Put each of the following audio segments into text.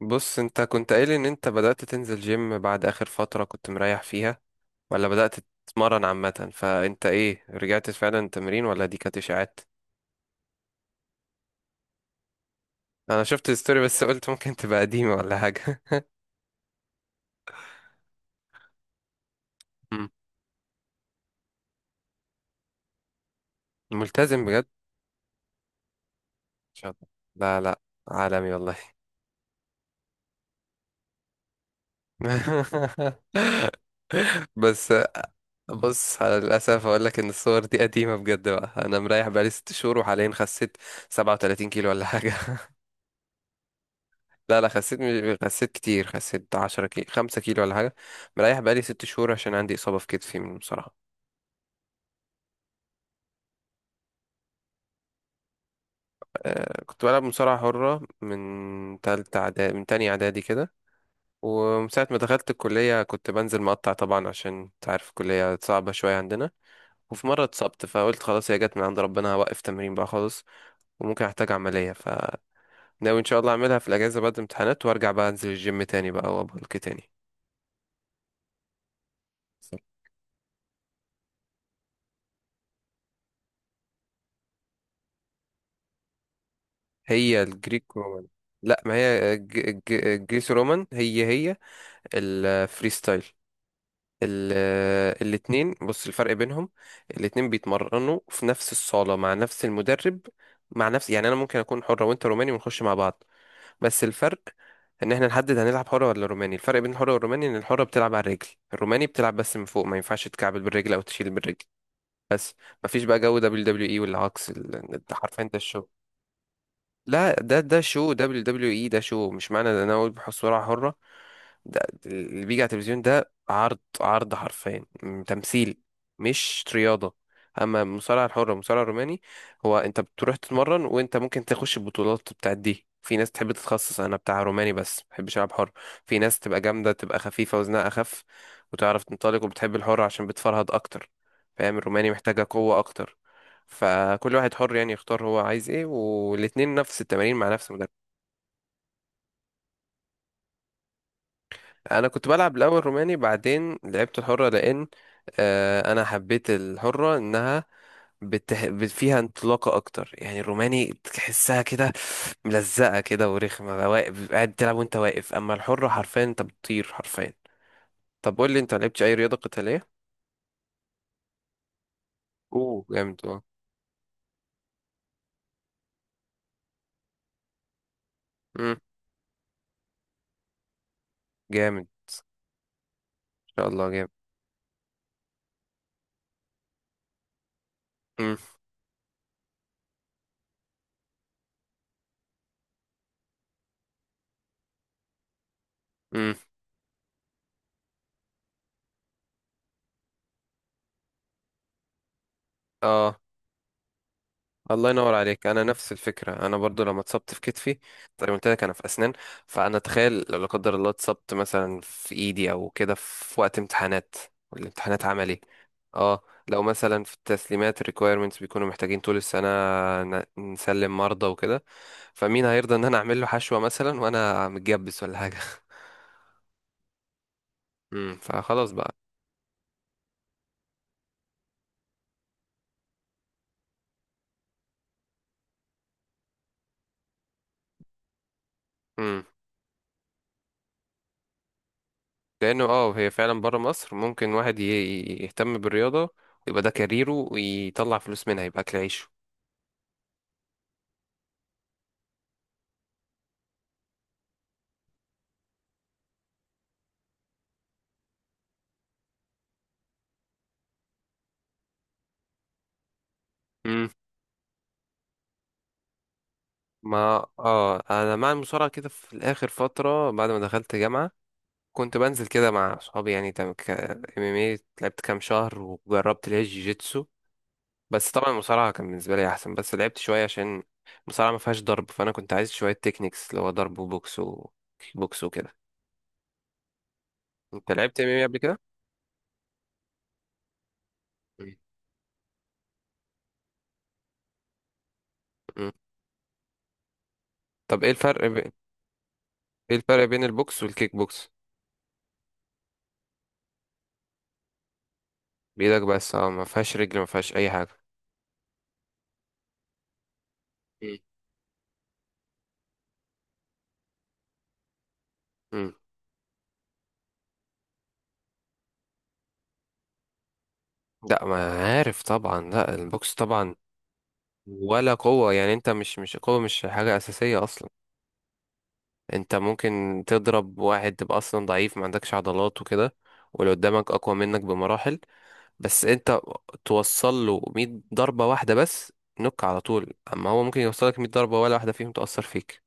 بص، انت كنت قايل ان انت بدأت تنزل جيم بعد اخر فترة كنت مريح فيها، ولا بدأت تتمرن؟ عامة فانت ايه، رجعت فعلا تمرين، ولا دي كانت اشاعات؟ انا شفت الستوري بس قلت ممكن تبقى قديمة ولا حاجة. مم. ملتزم بجد. شاطر. لا لا. عالمي والله. بس. بص، على للأسف أقول لك إن الصور دي قديمة بجد بقى. أنا مريح بقالي 6 شهور، وحاليا خسيت 37 كيلو ولا حاجة. لا لا، خسيت خسيت كتير، خسيت 10 كيلو 5 كيلو ولا حاجة. مريح بقالي 6 شهور عشان عندي إصابة في كتفي من المصارعة. آه، كنت بلعب مصارعة حرة من تالتة إعدادي، من تانية إعدادي كده. ومن ساعة ما دخلت الكلية كنت بنزل مقطع طبعا، عشان أنت عارف الكلية صعبة شوية عندنا. وفي مرة اتصبت، فقلت خلاص هي جت من عند ربنا، هوقف تمرين بقى خالص. وممكن أحتاج عملية، فناوي إن شاء الله أعملها في الأجازة بعد الامتحانات، وأرجع بقى أنزل الجيم تاني بقى وأبلك تاني. هي الجريك رومان. لا، ما هي الجريس رومان هي هي الفريستايل. الاتنين، بص الفرق بينهم. الاتنين بيتمرنوا في نفس الصالة مع نفس المدرب، مع نفس يعني. انا ممكن اكون حرة وانت روماني ونخش مع بعض. بس الفرق ان احنا نحدد هنلعب حرة ولا روماني. الفرق بين الحرة والروماني، ان الحرة بتلعب على الرجل، الروماني بتلعب بس من فوق، ما ينفعش تكعبل بالرجل او تشيل بالرجل. بس مفيش بقى جو دبليو دبليو اي والعكس، ده حرفيا ده الشغل. لا ده ده شو، دبليو دبليو اي ده شو، مش معنى ان انا اقول بحصة حرة ده اللي بيجي على التلفزيون. ده عرض، عرض حرفيا، تمثيل، مش رياضة. اما المصارعة الحرة، المصارعة الروماني، هو انت بتروح تتمرن، وانت ممكن تخش البطولات بتاعت دي. في ناس تحب تتخصص، انا بتاع روماني بس ما بحبش العب حر. في ناس تبقى جامدة، تبقى خفيفة وزنها اخف، وتعرف تنطلق وبتحب الحر عشان بتفرهد اكتر. فاهم؟ الروماني محتاجة قوة اكتر. فكل واحد حر يعني يختار هو عايز ايه، والاتنين نفس التمارين مع نفس المدرب. انا كنت بلعب الاول روماني، بعدين لعبت الحرة، لان انا حبيت الحرة انها فيها انطلاقة أكتر. يعني الروماني تحسها كده ملزقة كده ورخمة، واقف قاعد تلعب وأنت واقف، أما الحرة حرفيا أنت بتطير حرفيا. طب قول لي، أنت لعبتش أي رياضة قتالية؟ أوه، جامد أه. مم، جامد إن شاء الله، جامد. مم، مم، أه. الله ينور عليك، انا نفس الفكره. انا برضو لما اتصبت في كتفي، زي ما قلت لك انا في اسنان، فانا تخيل لو لا قدر الله اتصبت مثلا في ايدي او كده في وقت امتحانات، والامتحانات عملي. اه، لو مثلا في التسليمات الريكويرمنتس بيكونوا محتاجين طول السنه، نسلم مرضى وكده، فمين هيرضى ان انا اعمل له حشوه مثلا وانا متجبس ولا حاجه فخلاص بقى. امم لانه اه، هي فعلا بره مصر ممكن واحد يهتم بالرياضه، يبقى ده كاريره ويطلع فلوس منها، يبقى اكل عيشه. مم. ما اه، انا مع المصارعه كده في الاخر فتره، بعد ما دخلت جامعه كنت بنزل كده مع اصحابي. يعني تم ك ام ام اي، لعبت كام شهر وجربت اللي هي الجيجيتسو. بس طبعا المصارعه كان بالنسبه لي احسن، بس لعبت شويه عشان المصارعه ما فيهاش ضرب، فانا كنت عايز شويه تكنيكس اللي هو ضرب وبوكس وكيك بوكس وكده. انت لعبت ام ام اي قبل كده؟ مم. مم. طب ايه الفرق بين البوكس والكيك بوكس؟ بايدك بس، اه ما فيهاش رجل، ما فيهاش اي حاجه. مم. مم. لا، ما عارف طبعا. لا البوكس طبعا، ولا قوة يعني. انت مش قوة، مش حاجة أساسية أصلا. انت ممكن تضرب واحد تبقى أصلا ضعيف ما عندكش عضلات وكده، واللي قدامك أقوى منك بمراحل. بس انت توصل له 100 ضربة واحدة بس، نك على طول. أما هو ممكن يوصلك 100 ضربة، ولا واحدة فيهم تأثر فيك.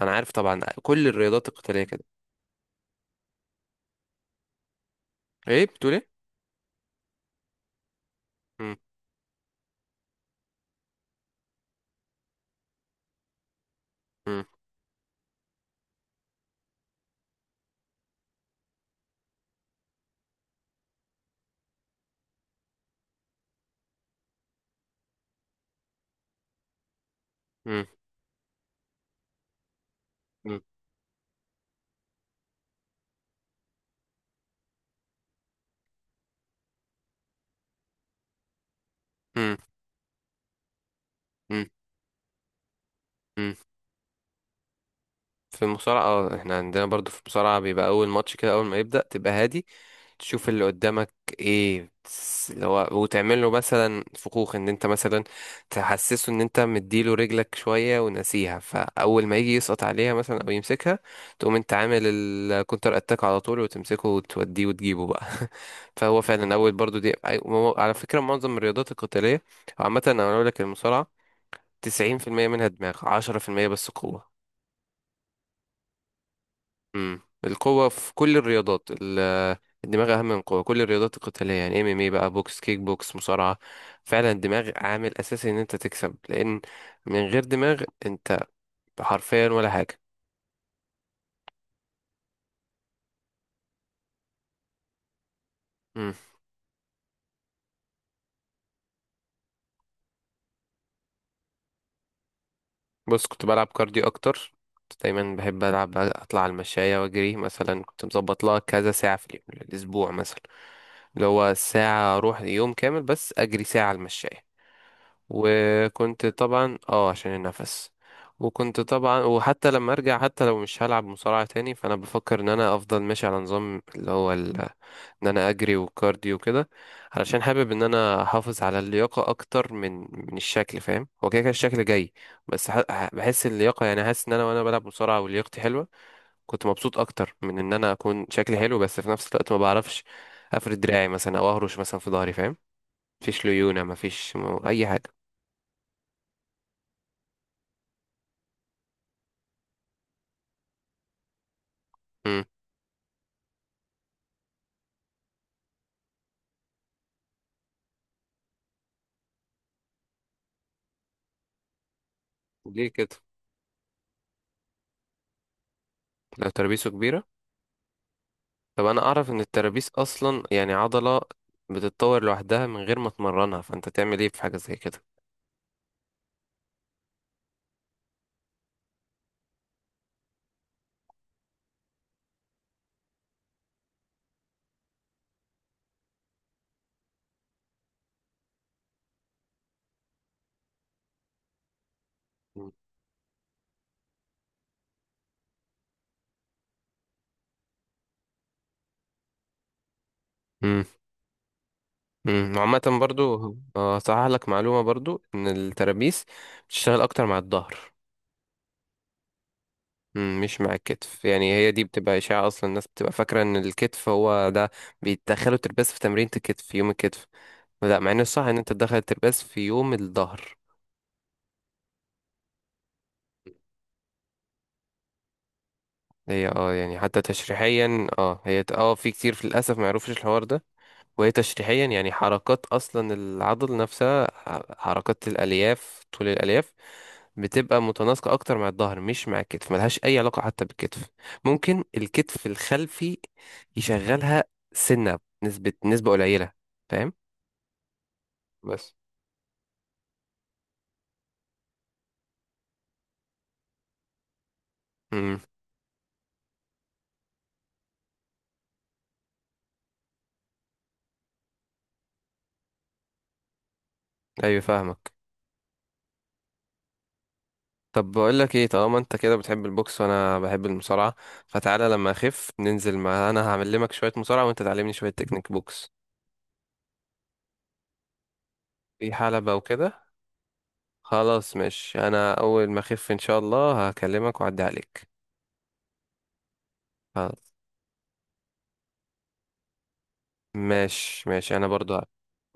أنا عارف طبعا كل الرياضات القتالية كده. ايه بتقول ايه؟ مم، مم، مم، مم، مم، مم، مم. في المصارعة، اه احنا عندنا برضو في المصارعة بيبقى أول ماتش كده، أول ما يبدأ تبقى هادي، تشوف اللي قدامك اللي هو، وتعمل له مثلا فخوخ، ان انت مثلا تحسسه ان انت مديله رجلك شوية ونسيها، فاول ما يجي يسقط عليها مثلا او يمسكها، تقوم انت عامل الكونتر اتاك على طول وتمسكه وتوديه وتجيبه بقى فهو فعلا اول، برضو دي على فكرة معظم الرياضات القتالية عامة، انا اقول لك المصارعة 90% منها دماغ، 10% بس قوة. القوة في كل الرياضات، الدماغ أهم من القوة. كل الرياضات القتالية يعني، ام ام اي بقى، بوكس، كيك بوكس، مصارعة، فعلا الدماغ عامل أساسي إن أنت تكسب، لأن من غير دماغ أنت حرفيا ولا حاجة. امم بص، كنت بلعب كارديو أكتر. كنت دايما بحب ألعب، أطلع على المشاية وأجري مثلا. كنت مظبط لها كذا ساعة في اليوم، الأسبوع مثلا، اللي هو ساعة أروح يوم كامل بس أجري ساعة على المشاية. وكنت طبعا اه عشان النفس. وكنت طبعا، وحتى لما ارجع حتى لو مش هلعب مصارعة تاني، فانا بفكر ان انا افضل ماشي على نظام اللي هو ان انا اجري وكارديو وكده، علشان حابب ان انا احافظ على اللياقة اكتر من الشكل. فاهم؟ هو كده كده الشكل جاي، بس بحس اللياقة، يعني حاسس ان انا وانا بلعب مصارعة ولياقتي حلوة كنت مبسوط اكتر من ان انا اكون شكلي حلو. بس في نفس الوقت ما بعرفش افرد دراعي مثلا، او اهرش مثلا في ظهري. فاهم؟ مفيش ليونة، مفيش اي حاجة. ليه كده؟ لو ترابيزه كبيرة؟ طب أنا أعرف إن الترابيز أصلا يعني عضلة بتتطور لوحدها من غير ما تمرنها، فأنت تعمل إيه في حاجة زي كده؟ مم. امم وعامة برضو، هصحح لك معلومة برضو إن الترابيس بتشتغل أكتر مع الظهر. مم، مش مع الكتف يعني، هي دي بتبقى إشاعة أصلا. الناس بتبقى فاكرة إن الكتف هو ده بيتدخلوا الترباس في تمرينة الكتف في يوم الكتف، لا، مع إن الصح إن أنت تدخل الترباس في يوم الظهر. هي اه يعني حتى تشريحيا، اه هي اه، في كتير، في للاسف ما يعرفوش الحوار ده. وهي تشريحيا يعني، حركات اصلا العضل نفسها، حركات الالياف، طول الالياف بتبقى متناسقه اكتر مع الظهر، مش مع الكتف، ملهاش اي علاقه حتى بالكتف. ممكن الكتف الخلفي يشغلها سنه، نسبه قليله. فاهم؟ بس. امم ايوه، فاهمك. طب بقول لك ايه، طالما انت كده بتحب البوكس وانا بحب المصارعه، فتعالى لما اخف ننزل مع، انا هعلمك شويه مصارعه وانت تعلمني شويه تكنيك بوكس. في حلبه وكده. خلاص ماشي، انا اول ما اخف ان شاء الله هكلمك واعدي عليك. خلاص، ماشي، انا برضو ه-.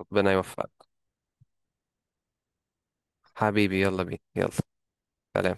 ربنا يوفقك. حبيبي يلا بينا، يلا. سلام.